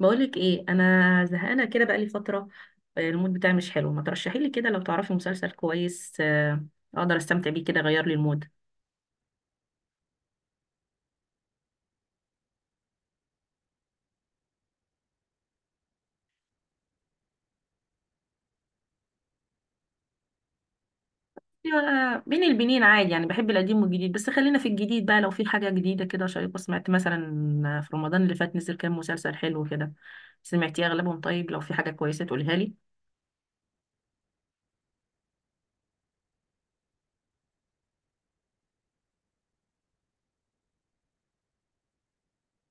بقولك ايه، انا زهقانه كده بقالي فتره. المود بتاعي مش حلو، ما ترشحي لي كده لو تعرفي مسلسل كويس اقدر استمتع بيه كده، غير لي المود. أيوة، بين البنين عادي، يعني بحب القديم والجديد، بس خلينا في الجديد بقى. لو في حاجه جديده كده شيقه سمعت مثلا في رمضان اللي فات نزل كام مسلسل حلو كده، سمعتي اغلبهم؟ طيب لو في حاجه كويسه تقولها لي.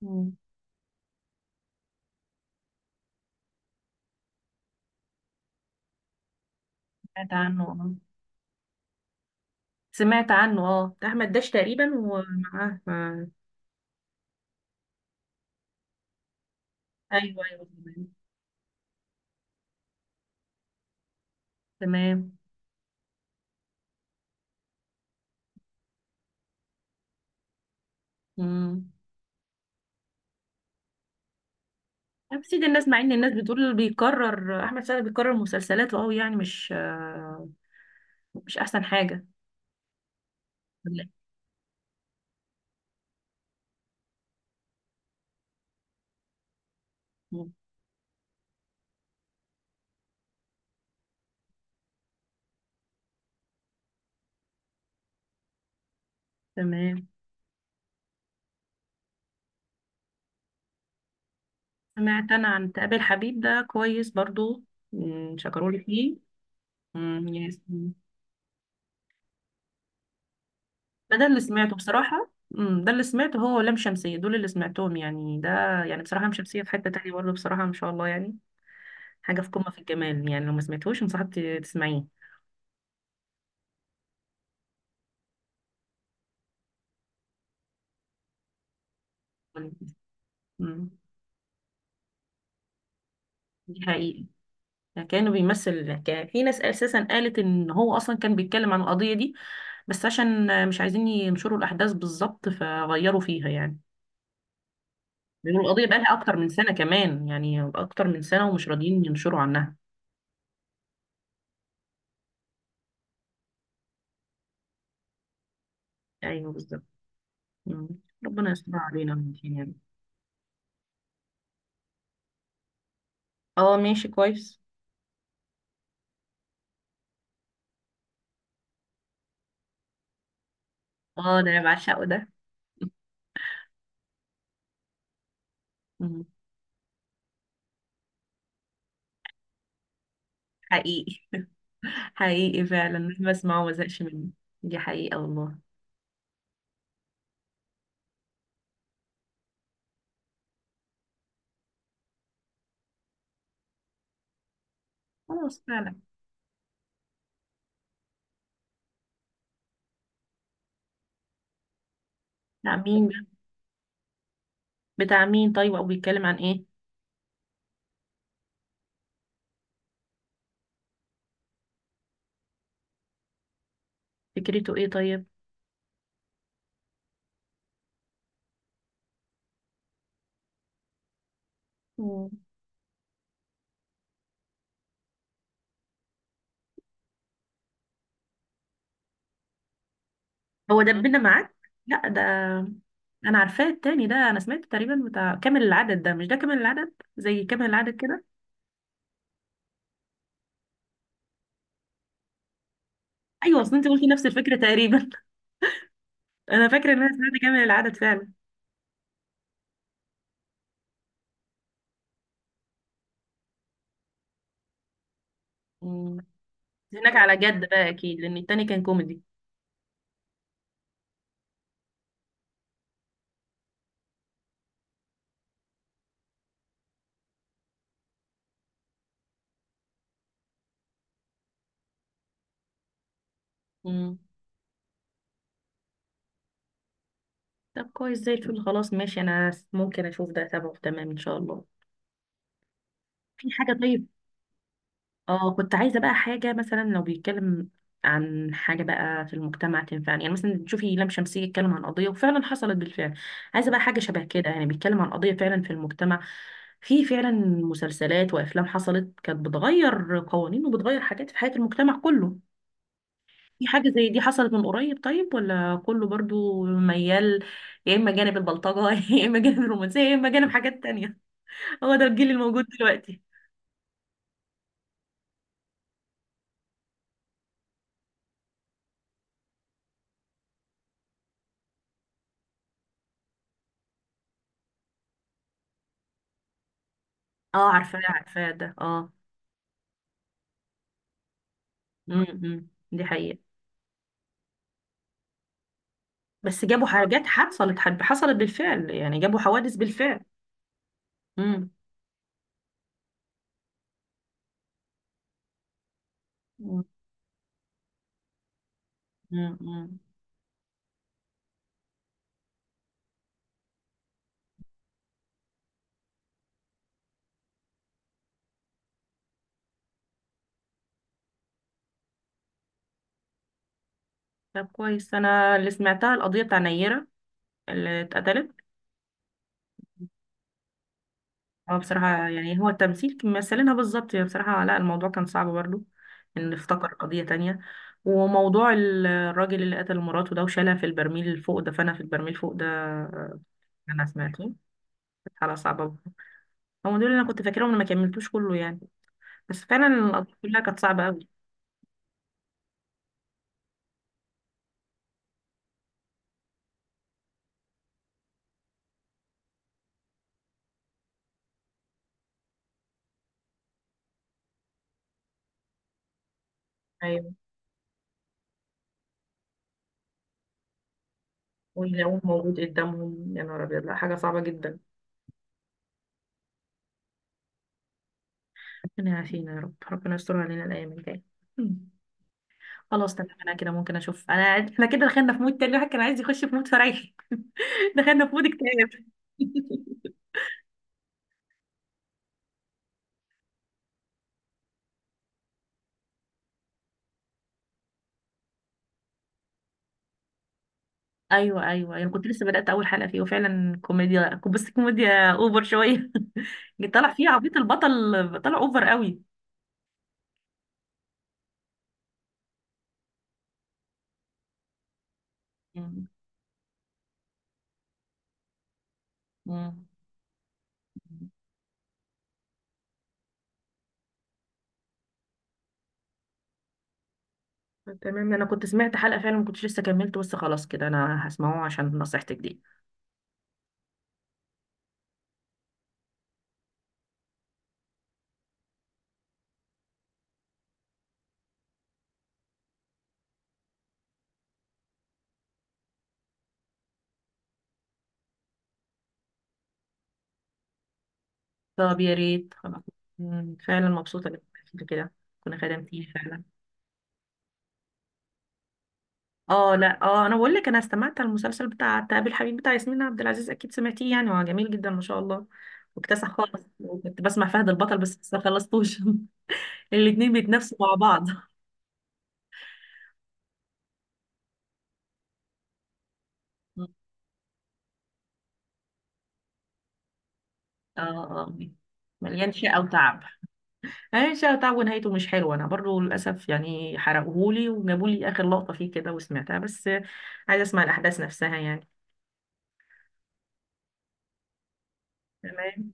مم. سمعت عنه اه. سمعت عنه اه، بتاع احمد داش تقريبا ومعاه ايوه ايوه تمام. تمام. مم. تمثيل الناس، مع ان الناس بتقول بيكرر احمد سعد، بيكرر مسلسلاته قوي، يعني مش احسن حاجه. لا. مم. تمام. سمعت انا عن تقابل حبيب ده كويس برضو. مم، شكرولي فيه. مم، يس مم. ده اللي سمعته بصراحه، مم، ده اللي سمعته، هو ولام شمسيه دول اللي سمعتهم يعني. ده يعني بصراحه لام شمسيه في حته تانية برضه بصراحه، ما شاء الله، يعني حاجه في قمه في الجمال، يعني لو ما سمعتهوش انصحك تسمعيه. مم، دي حقيقة. كانه بيمثل الحكايه، في ناس اساسا قالت ان هو اصلا كان بيتكلم عن القضيه دي، بس عشان مش عايزين ينشروا الاحداث بالظبط فغيروا فيها يعني. بيقولوا القضيه بقالها اكتر من سنه، كمان يعني اكتر من سنه ومش راضيين ينشروا عنها. ايوه بالظبط. مم. ربنا يستر علينا من دي يعني. اه ماشي كويس. اه ده انا بعشقه ده. مم. حقيقي. حقيقي فعلا، مهما اسمعه ما زهقش منه. دي حقيقه والله. خلاص فعلا. بتاع مين ده؟ بتاع مين طيب، او بيتكلم عن ايه؟ فكرته ايه طيب؟ مم. هو دبنا معاك. لا ده. انا عارفاه التاني ده، انا سمعت تقريبا بتاع كامل العدد ده، مش ده كامل العدد، زي كامل العدد كده. ايوه، اصل انت قلتي نفس الفكره تقريبا. انا فاكره ان انا سمعت كامل العدد فعلا. مم. هناك على جد بقى اكيد، لان التاني كان كوميدي. مم. طب كويس زي الفل. خلاص ماشي، انا ممكن اشوف ده. تمام تمام ان شاء الله. في حاجه طيب. اه، كنت عايزة بقى حاجة مثلا لو بيتكلم عن حاجة بقى في المجتمع تنفعني، يعني مثلا تشوفي لام شمسية يتكلم عن قضية وفعلا حصلت بالفعل. عايزة بقى حاجة شبه كده، يعني بيتكلم عن قضية فعلا في المجتمع. في فعلا مسلسلات وأفلام حصلت، كانت بتغير قوانين وبتغير حاجات في حياة المجتمع كله. في حاجة زي دي حصلت من قريب؟ طيب ولا كله برضو ميال، يا إما جانب البلطجة يا إما جانب الرومانسية يا إما جانب حاجات تانية؟ هو ده الجيل الموجود دلوقتي. اه عارفاه عارفاه ده اه. امم، دي حقيقة. بس جابوا حاجات حصلت بالفعل، يعني جابوا حوادث بالفعل. امم. مم. مم. مم. طب كويس. انا اللي سمعتها القضيه بتاع نيره اللي اتقتلت. هو بصراحه يعني، هو التمثيل كان مثلينها بالظبط يعني بصراحه، لا الموضوع كان صعب برضو، ان افتكر قضيه تانية. وموضوع الراجل اللي قتل مراته ده وشالها في البرميل فوق، دفنها في البرميل فوق ده. انا سمعته. كانت حاله صعبه برضو. هم دول اللي انا كنت فاكرهم، انا ما كملتوش كله يعني. بس فعلا القضيه كلها كانت صعبه. قوي. ويلاقوه موجود قدامهم، يا نهار أبيض، لا حاجة صعبة جدا. ربنا يعافينا يا رب، ربنا يستر علينا الأيام الجاية. مم. خلاص تمام، أنا كده ممكن أشوف أنا. إحنا كده دخلنا في مود تاني، الواحد كان عايز يخش في مود فريحي. دخلنا في مود اكتئاب. أيوه أيوه، أنا كنت لسه بدأت أول حلقة فيه وفعلا كوميديا، بس كوميديا أوفر شوية. جيت طالع فيه عبيط البطل. طالع أوفر قوي. مم. مم. تمام، أنا كنت سمعت حلقة فعلا ما كنتش لسه كملت، بس خلاص كده أنا هسمعه عشان نصيحتك دي. طب يا ريت خلاص. مم، فعلا مبسوطة إنك عملت كده. كنا خدمتيه فعلا. اه لا اه، انا بقول لك، انا استمعت على المسلسل بتاع تقابل الحبيب بتاع ياسمين عبد العزيز، اكيد سمعتيه، يعني هو جميل جدا ما شاء الله، واكتسح خالص. وكنت بسمع فهد البطل بس لسه خلصتوش. الاتنين بيتنافسوا مع بعض. اه اه. مليان شقة وتعب مليان شقة وتعب ونهايته مش حلوة، انا برضو للاسف يعني حرقوهولي وجابولي اخر لقطة فيه كده وسمعتها، بس عايزة اسمع الاحداث نفسها يعني. تمام.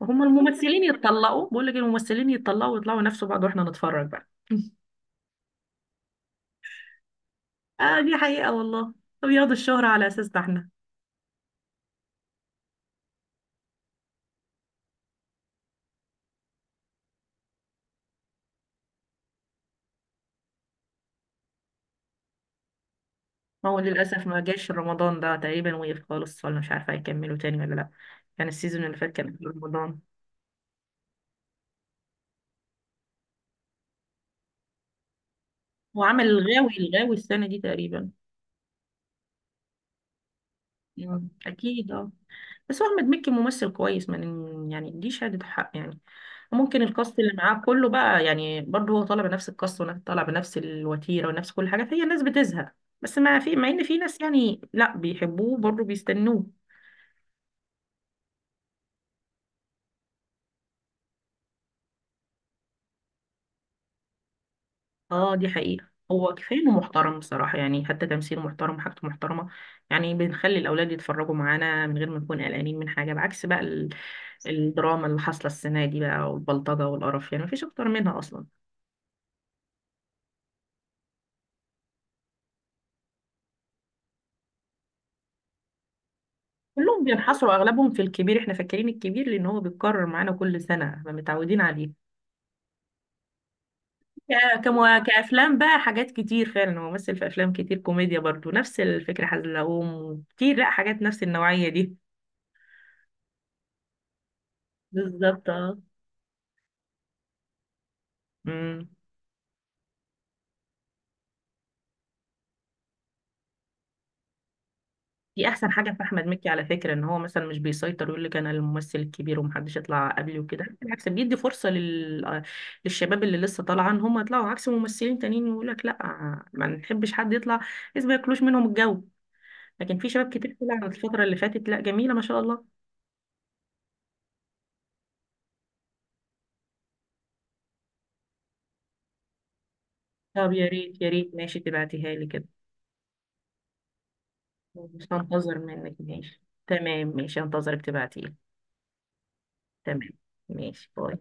وهم الممثلين يتطلقوا، بقول لك الممثلين يتطلقوا ويطلعوا ينافسوا بعض واحنا نتفرج بقى. اه دي حقيقة والله. وياخدوا الشهرة على اساسنا احنا. ما هو للاسف ما جاش رمضان ده تقريبا، وقف خالص ولا مش عارفة هيكملوا تاني ولا لا. يعني السيزون اللي فات كان قبل رمضان. وعمل الغاوي، الغاوي السنة دي تقريبا. مم. اكيد اه. بس هو احمد مكي ممثل كويس، ما ن- يعني دي شهادة حق يعني. ممكن الكاست اللي معاه كله بقى، يعني برضه، هو طالع بنفس الكاست ونفس، طالع بنفس الوتيره ونفس كل حاجه، فهي الناس بتزهق. بس ما في، مع ان في ناس يعني لا بيحبوه برضه بيستنوه. اه دي حقيقه، هو كفايه انه محترم بصراحه، يعني حتى تمثيله محترم وحاجته محترمه. يعني بنخلي الاولاد يتفرجوا معانا من غير ما نكون قلقانين من حاجه، بعكس بقى الدراما اللي حاصله السنه دي بقى، والبلطجه والقرف، يعني مفيش اكتر منها اصلا. كلهم بينحصروا اغلبهم في الكبير، احنا فاكرين الكبير لان هو بيتكرر معانا كل سنه فمتعودين عليه. كأفلام بقى حاجات كتير فعلا، هو مثل في أفلام كتير كوميديا برضو نفس الفكرة، حزلقوم كتير، لا حاجات نفس النوعية دي. بالظبط اه. أمم. دي أحسن حاجة في أحمد مكي على فكرة، إن هو مثلا مش بيسيطر يقول لك أنا الممثل الكبير ومحدش يطلع قبلي وكده، بالعكس بيدي فرصة للشباب اللي لسه طالعة إن هم يطلعوا، عكس ممثلين تانيين يقول لك لا ما نحبش حد يطلع، بس ما ياكلوش منهم الجو. لكن في شباب كتير طلع الفترة اللي فاتت، لا جميلة ما شاء الله. طب يا ريت يا ريت ماشي، تبعتيها لي كده. مش هنتظر منك، ماشي تمام، ماشي هنتظرك تبعتيلي. تمام، ماشي باي.